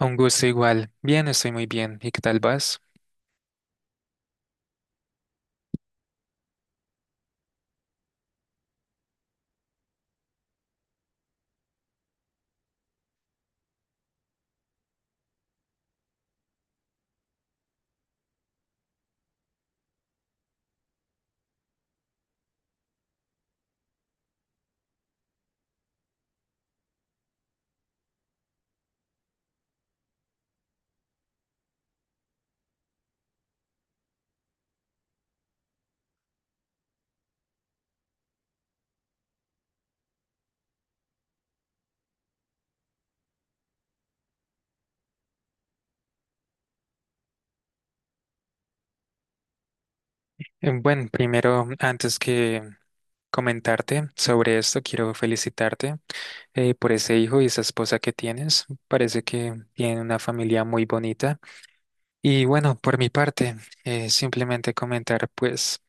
Un gusto igual. Bien, estoy muy bien. ¿Y qué tal vas? Bueno, primero, antes que comentarte sobre esto, quiero felicitarte por ese hijo y esa esposa que tienes. Parece que tienen una familia muy bonita. Y bueno, por mi parte, simplemente comentar, pues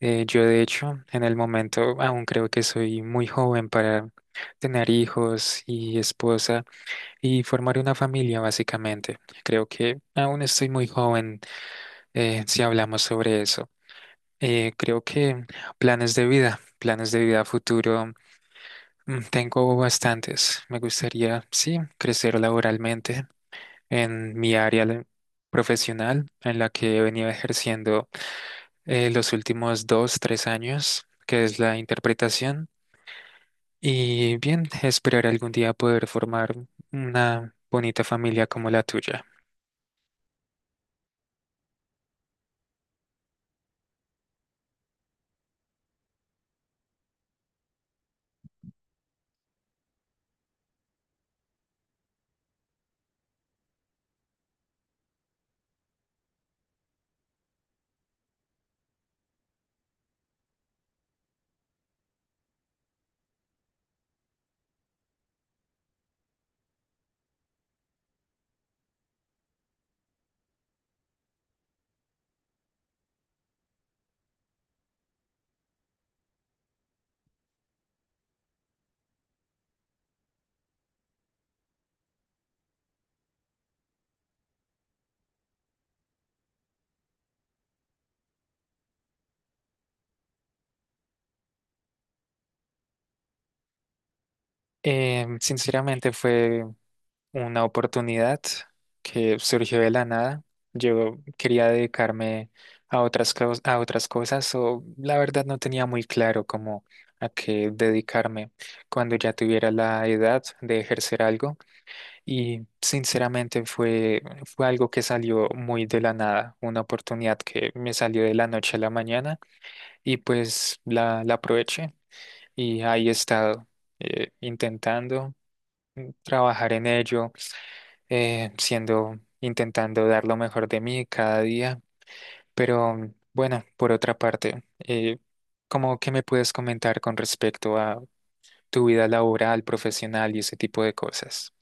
eh, yo de hecho, en el momento aún creo que soy muy joven para tener hijos y esposa y formar una familia, básicamente. Creo que aún estoy muy joven si hablamos sobre eso. Creo que planes de vida a futuro, tengo bastantes. Me gustaría, sí, crecer laboralmente en mi área profesional en la que he venido ejerciendo los últimos dos, tres años, que es la interpretación. Y bien, esperar algún día poder formar una bonita familia como la tuya. Sinceramente fue una oportunidad que surgió de la nada. Yo quería dedicarme a a otras cosas o la verdad no tenía muy claro cómo a qué dedicarme cuando ya tuviera la edad de ejercer algo y sinceramente fue algo que salió muy de la nada, una oportunidad que me salió de la noche a la mañana y pues la aproveché y ahí he estado intentando trabajar en ello intentando dar lo mejor de mí cada día. Pero bueno, por otra parte, ¿cómo qué me puedes comentar con respecto a tu vida laboral, profesional y ese tipo de cosas?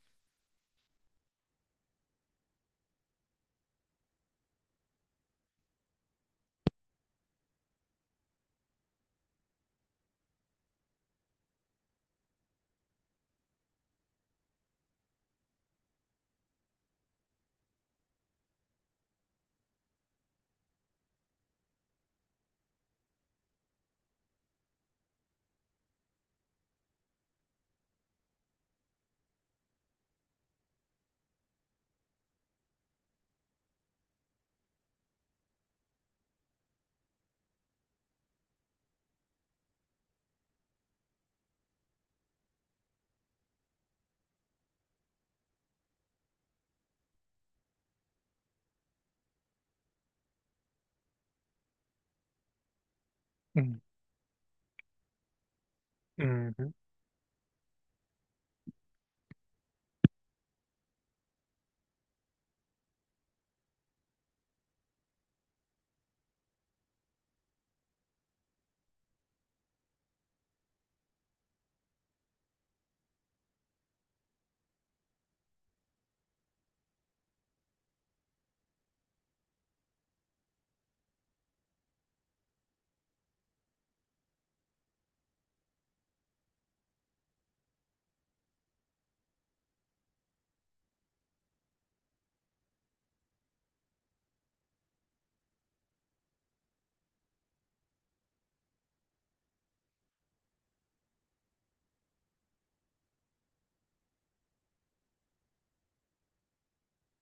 Mm, ujú.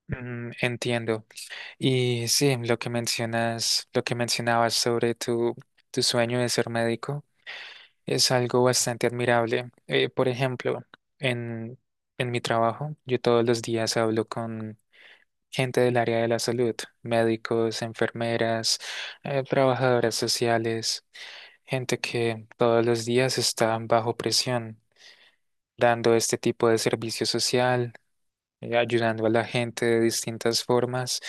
Entiendo. Y sí, lo que mencionas, lo que mencionabas sobre tu sueño de ser médico es algo bastante admirable. Por ejemplo, en, en mi trabajo, yo todos los días hablo con gente del área de la salud, médicos, enfermeras, trabajadoras sociales, gente que todos los días está bajo presión, dando este tipo de servicio social, ayudando a la gente de distintas formas.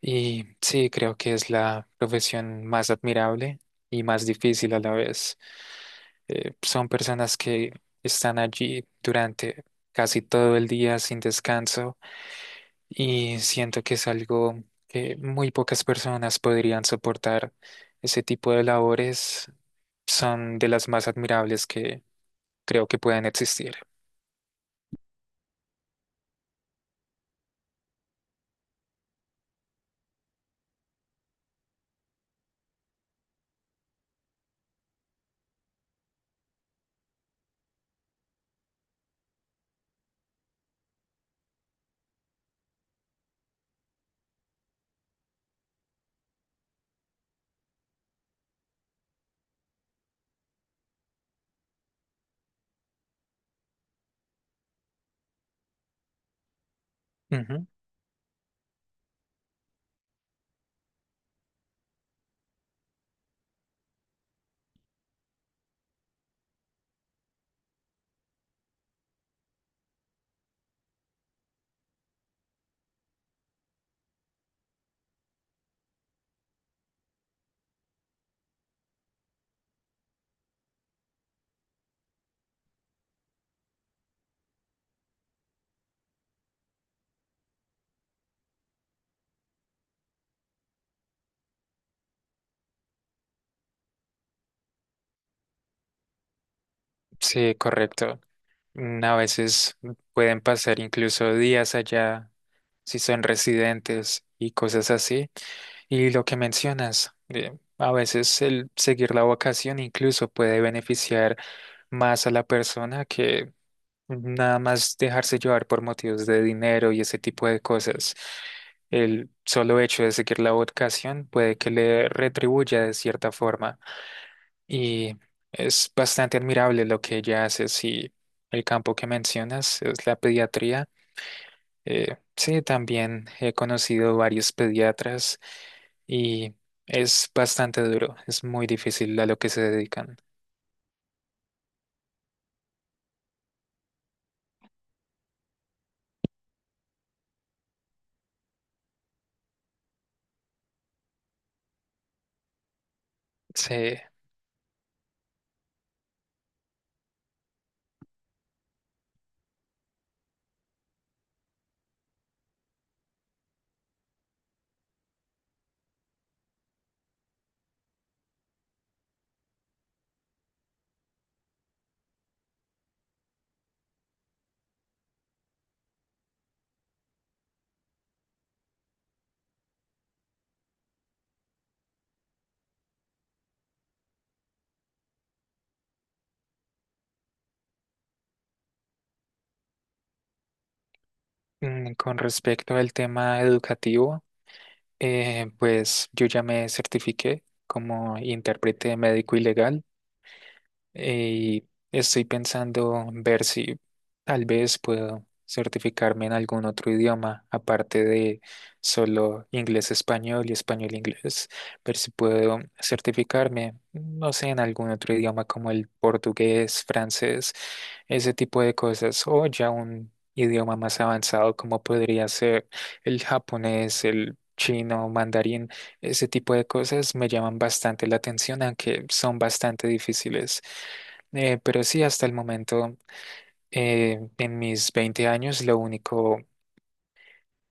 Y sí, creo que es la profesión más admirable y más difícil a la vez. Son personas que están allí durante casi todo el día sin descanso y siento que es algo que muy pocas personas podrían soportar. Ese tipo de labores son de las más admirables que creo que pueden existir. Ujú. Sí, correcto. A veces pueden pasar incluso días allá si son residentes y cosas así. Y lo que mencionas, a veces el seguir la vocación incluso puede beneficiar más a la persona que nada más dejarse llevar por motivos de dinero y ese tipo de cosas. El solo hecho de seguir la vocación puede que le retribuya de cierta forma. Y es bastante admirable lo que ella hace. Si el campo que mencionas es la pediatría, sí, también he conocido varios pediatras y es bastante duro. Es muy difícil a lo que se dedican. Sí. Con respecto al tema educativo. Pues yo ya me certifiqué como intérprete médico y legal y estoy pensando en ver si tal vez puedo certificarme en algún otro idioma, aparte de solo inglés-español y español-inglés, ver si puedo certificarme, no sé, en algún otro idioma como el portugués, francés, ese tipo de cosas, o ya un idioma más avanzado como podría ser el japonés, el chino, mandarín. Ese tipo de cosas me llaman bastante la atención, aunque son bastante difíciles. Pero sí, hasta el momento, en mis 20 años, lo único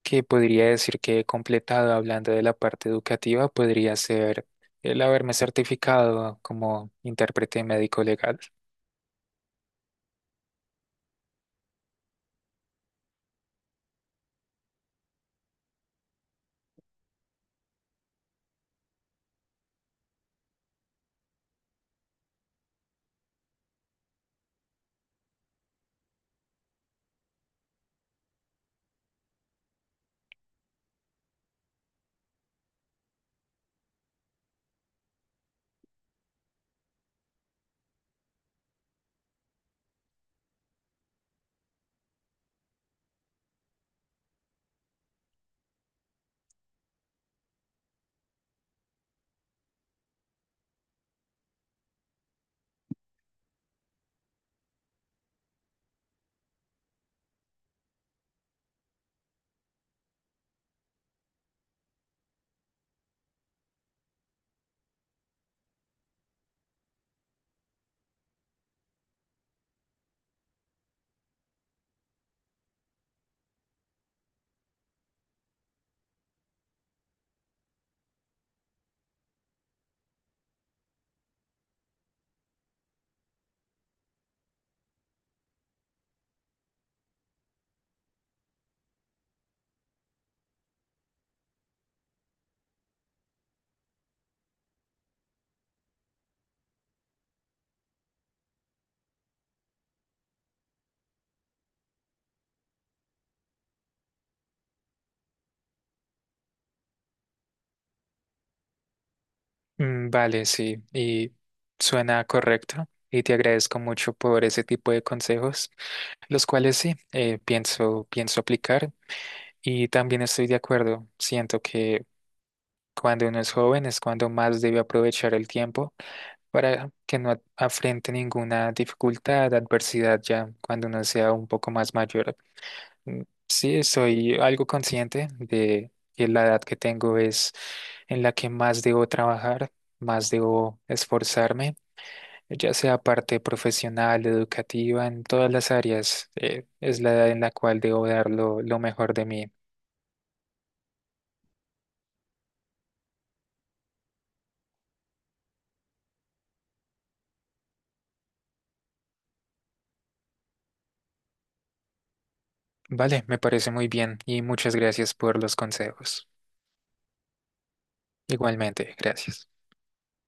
que podría decir que he completado hablando de la parte educativa podría ser el haberme certificado como intérprete médico legal. Vale, sí, y suena correcto. Y te agradezco mucho por ese tipo de consejos, los cuales sí, eh, pienso aplicar. Y también estoy de acuerdo, siento que cuando uno es joven es cuando más debe aprovechar el tiempo para que no afrente ninguna dificultad, adversidad ya cuando uno sea un poco más mayor. Mm, Sí, soy algo consciente de que la edad que tengo es en la que más debo trabajar, más debo esforzarme, ya sea parte profesional, educativa, en todas las áreas, es la edad en la cual debo dar lo mejor de mí. Vale, me parece muy bien y muchas gracias por los consejos. Igualmente, gracias.